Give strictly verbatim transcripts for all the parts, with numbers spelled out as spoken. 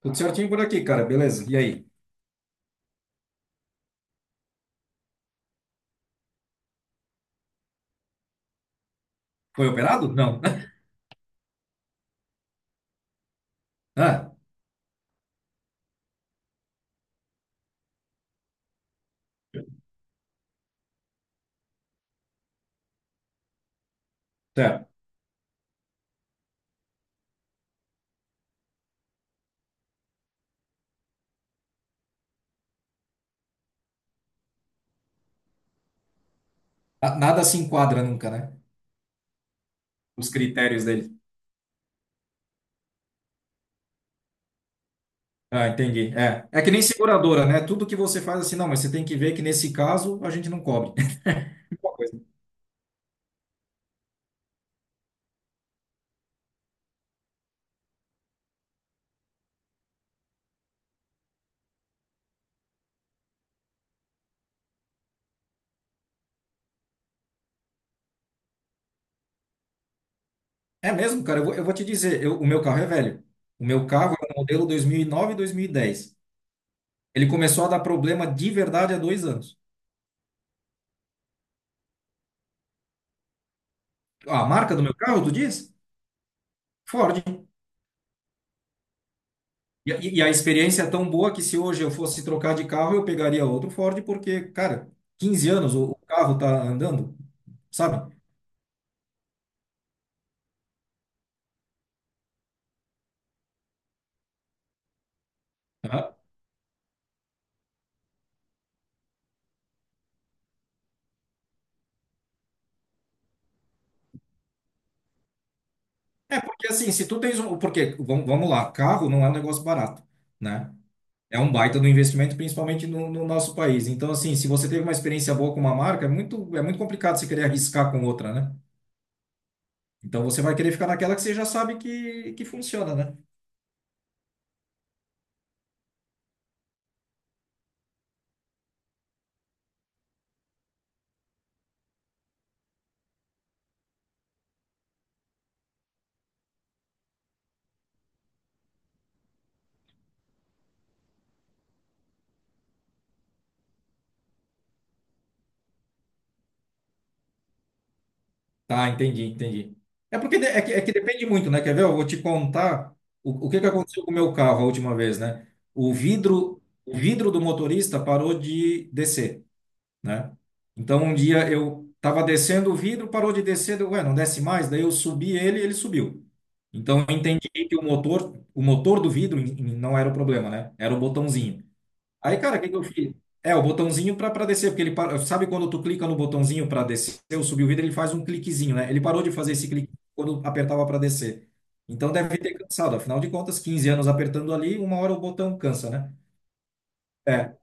Tudo certinho por aqui, cara, beleza. E aí? Foi operado? Não. Ah, certo. Ah, nada se enquadra nunca, né? Os critérios dele. Ah, entendi. É. É que nem seguradora, né? Tudo que você faz assim, não, mas você tem que ver que nesse caso a gente não cobre. Uma coisa. É mesmo, cara, eu vou, eu vou te dizer, eu- o meu carro é velho. O meu carro é um modelo dois mil e nove e dois mil e dez. Ele começou a dar problema de verdade há dois anos. A marca do meu carro, tu diz? Ford. E, e e a experiência é tão boa que, se hoje eu fosse trocar de carro, eu pegaria outro Ford, porque, cara, quinze anos o, o carro tá andando, sabe? Aham. Porque assim, se tu tens um. Porque, vamos, vamos lá, carro não é um negócio barato, né? É um baita do investimento, principalmente no, no nosso país. Então, assim, se você teve uma experiência boa com uma marca, é muito, é muito complicado você querer arriscar com outra, né? Então, você vai querer ficar naquela que você já sabe que, que funciona, né? Tá, entendi, entendi. É porque de- é que, é que depende muito, né? Quer ver? Eu vou te contar o, o que que aconteceu com o meu carro a última vez, né? O vidro, o vidro do motorista parou de descer, né? Então um dia eu tava descendo o vidro, parou de descer, deu, ué, não desce mais, daí eu subi ele, ele subiu. Então eu entendi que o motor, o motor do vidro em- em- não era o problema, né? Era o botãozinho. Aí, cara, o que que eu fiz? É, o botãozinho para para descer, porque ele para- sabe quando tu clica no botãozinho para descer ou subir o vidro, ele faz um cliquezinho, né? Ele parou de fazer esse clique quando apertava para descer. Então deve ter cansado, afinal de contas, quinze anos apertando ali, uma hora o botão cansa, né? É.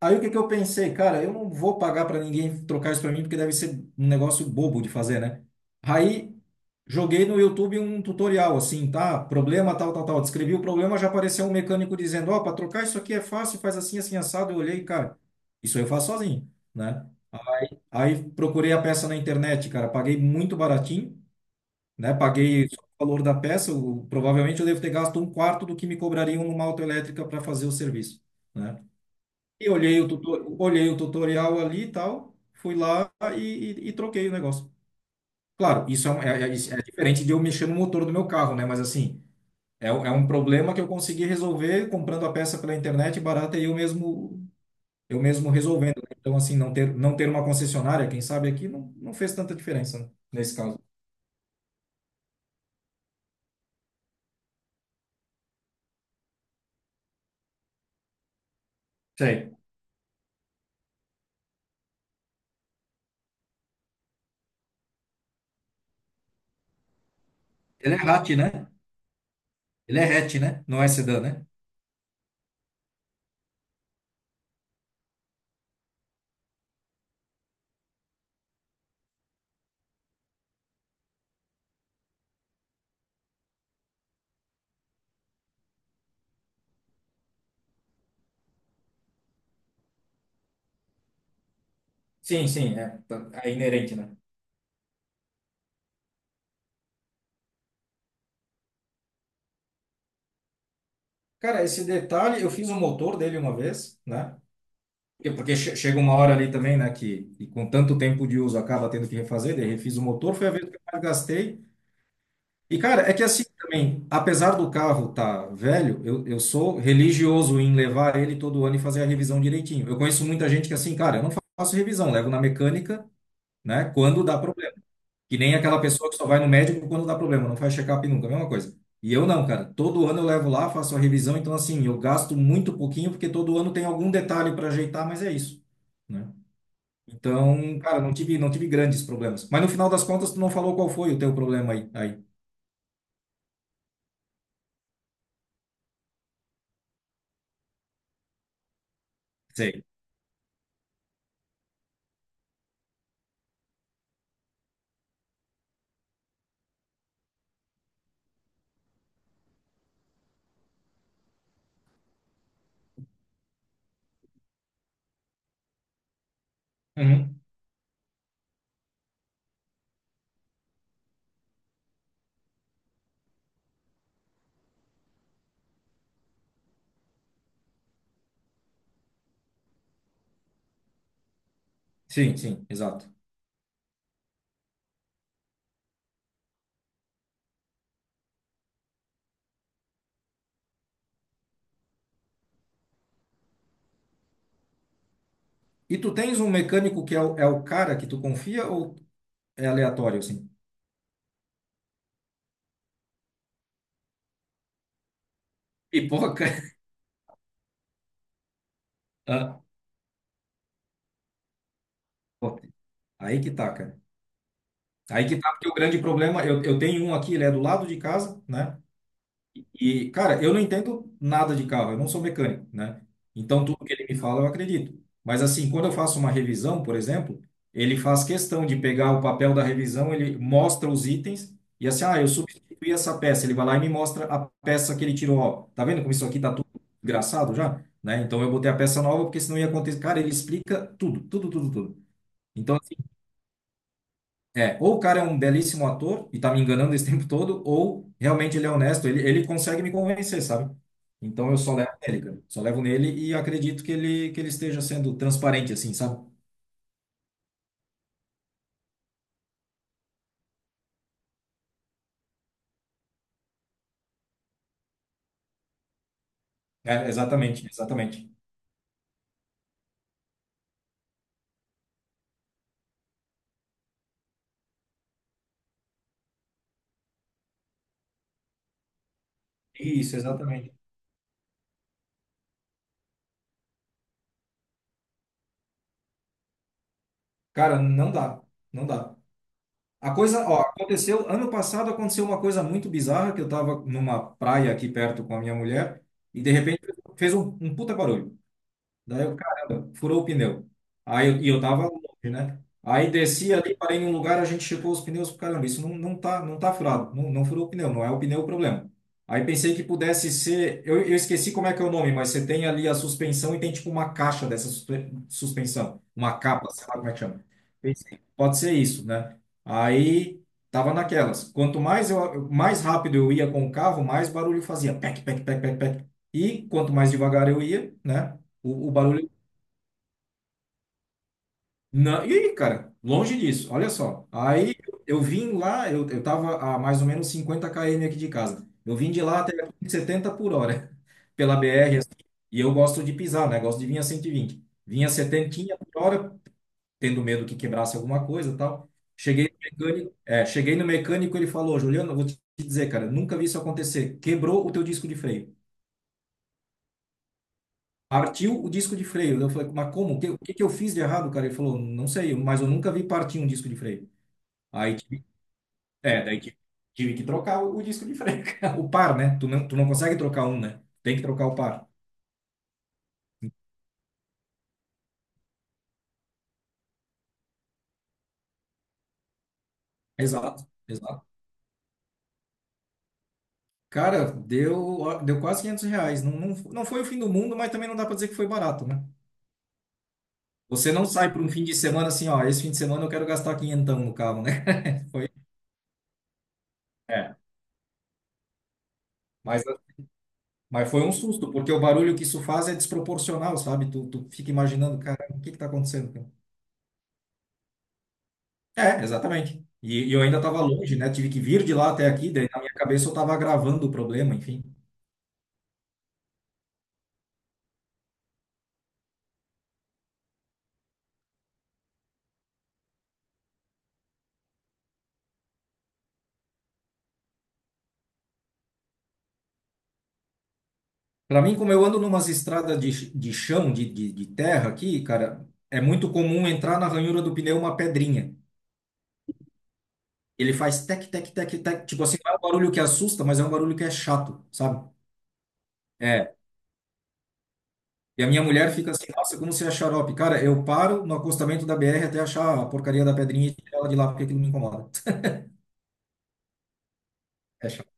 Aí o que que eu pensei, cara, eu não vou pagar para ninguém trocar isso para mim porque deve ser um negócio bobo de fazer, né? Aí joguei no YouTube um tutorial assim, tá? Problema tal, tal, tal. Descrevi o problema, já apareceu um mecânico dizendo, ó, para trocar isso aqui é fácil, faz assim, assim, assado. Eu olhei, cara, isso eu faço sozinho, né? Aí procurei a peça na internet, cara, paguei muito baratinho, né? Paguei só o valor da peça, o- provavelmente eu devo ter gasto um quarto do que me cobrariam numa autoelétrica para fazer o serviço. Né? E olhei o tuto- olhei o tutorial ali e tal, fui lá e, e- e troquei o negócio. Claro, isso é, um- é- é- isso é diferente de eu mexer no motor do meu carro, né? Mas assim, é, um- é um problema que eu consegui resolver comprando a peça pela internet barata e eu mesmo, eu mesmo resolvendo. Né? Então, assim, não ter, não ter uma concessionária, quem sabe aqui, não, não fez tanta diferença, né? Nesse caso. Sei. Ele é hatch, né? Ele é hatch, né? Não é sedã, né? Sim, sim, é, tá- é inerente, né? Cara, esse detalhe, eu fiz o motor dele uma vez, né? É. Porque che- chega uma hora ali também, né, que, que com tanto tempo de uso acaba tendo que refazer, daí refiz o motor, foi a vez que eu mais gastei. E, cara, é que assim também, apesar do carro tá velho, eu, eu sou religioso em levar ele todo ano e fazer a revisão direitinho. Eu conheço muita gente que assim, cara, eu não faço revisão, levo na mecânica, né, quando dá problema. Que nem aquela pessoa que só vai no médico quando dá problema, não faz check-up nunca, a mesma coisa. E eu não, cara, todo ano eu levo lá, faço a revisão, então assim, eu gasto muito pouquinho, porque todo ano tem algum detalhe para ajeitar, mas é isso, né? Então, cara, não tive, não tive grandes problemas. Mas no final das contas, tu não falou qual foi o teu problema aí. aí. Sei. Uhum. Sim, sim, exato. E tu tens um mecânico que é o, é o cara que tu confia ou é aleatório, assim? Pipoca. Ah, pô, aí que tá, cara. Aí que tá, porque o grande problema, eu, eu tenho um aqui, ele é do lado de casa, né? E, cara, eu não entendo nada de carro, eu não sou mecânico, né? Então, tudo que ele me fala, eu acredito. Mas, assim, quando eu faço uma revisão, por exemplo, ele faz questão de pegar o papel da revisão, ele mostra os itens e, assim, ah, eu substituí essa peça. Ele vai lá e me mostra a peça que ele tirou. Ó, tá vendo como isso aqui tá tudo engraçado já? Né? Então, eu botei a peça nova porque senão ia acontecer. Cara, ele explica tudo, tudo, tudo, tudo. Então, assim, é, ou o cara é um belíssimo ator e tá me enganando esse tempo todo, ou realmente ele é honesto, ele, ele consegue me convencer, sabe? Então eu só levo nele, cara. Só levo nele e acredito que ele, que ele esteja sendo transparente, assim, sabe? É, exatamente, exatamente. Isso, exatamente. Cara, não dá, não dá. A coisa, ó, aconteceu, ano passado aconteceu uma coisa muito bizarra, que eu tava numa praia aqui perto com a minha mulher, e de repente fez um, um puta barulho. Daí eu, caramba, furou o pneu. Aí eu, e eu tava longe, né? Aí desci ali, parei num lugar, a gente checou os pneus, caramba, isso não, não tá, não tá furado, não, não furou o pneu, não é o pneu o problema. Aí pensei que pudesse ser, eu, eu esqueci como é que é o nome, mas você tem ali a suspensão e tem tipo uma caixa dessa suspe- suspensão, uma capa, sei lá como é que chama. Pensei, pode ser isso, né? Aí tava naquelas. Quanto mais eu, mais rápido eu ia com o carro, mais barulho fazia, pec, pec, pec, pec, pec. E quanto mais devagar eu ia, né? O, o barulho. Não, e aí, cara, longe disso, olha só. Aí eu vim lá, eu, eu tava a mais ou menos cinquenta quilômetros aqui de casa. Eu vim de lá até aqui em setenta por hora, pela B R, assim. E eu gosto de pisar, né? Gosto de vir a cento e vinte. Vinha setenta por hora, tendo medo que quebrasse alguma coisa e tal. Cheguei no mecânico, é, cheguei no mecânico, ele falou, Juliano, eu vou te dizer, cara, nunca vi isso acontecer. Quebrou o teu disco de freio. Partiu o disco de freio. Eu falei, mas como? O que, o que que eu fiz de errado, cara? Ele falou, não sei, mas eu nunca vi partir um disco de freio. Aí, tive- é, daí tive, tive que trocar o, o disco de freio, cara. O par, né? Tu não, tu não consegue trocar um, né? Tem que trocar o par. Exato, exato. Cara, deu, ó, deu quase quinhentos reais. Não, não, não foi o fim do mundo, mas também não dá pra dizer que foi barato, né? Você não sai para um fim de semana assim, ó, esse fim de semana eu quero gastar quinhentão no carro, né? Foi, é. Mas Mas foi um susto, porque o barulho que isso faz é desproporcional, sabe? Tu, tu fica imaginando, cara, o que que tá acontecendo, cara? É, exatamente. E, e eu ainda estava longe, né? Tive que vir de lá até aqui, daí na minha cabeça eu estava agravando o problema, enfim. Para mim, como eu ando numas estradas de, ch- de chão, de, de, de terra aqui, cara, é muito comum entrar na ranhura do pneu uma pedrinha. Ele faz tec, tec, tec, tec. Tipo assim, não é um barulho que assusta, mas é um barulho que é chato, sabe? É. E a minha mulher fica assim, nossa, como você é xarope. Cara, eu paro no acostamento da B R até achar a porcaria da pedrinha e tirar ela de lá, porque aquilo me incomoda. É chato.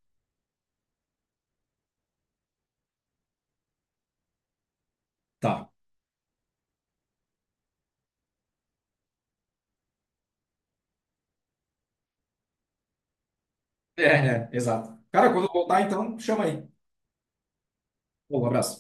Tá. É, é, exato. Cara, quando voltar, então, chama aí. Pô, um abraço.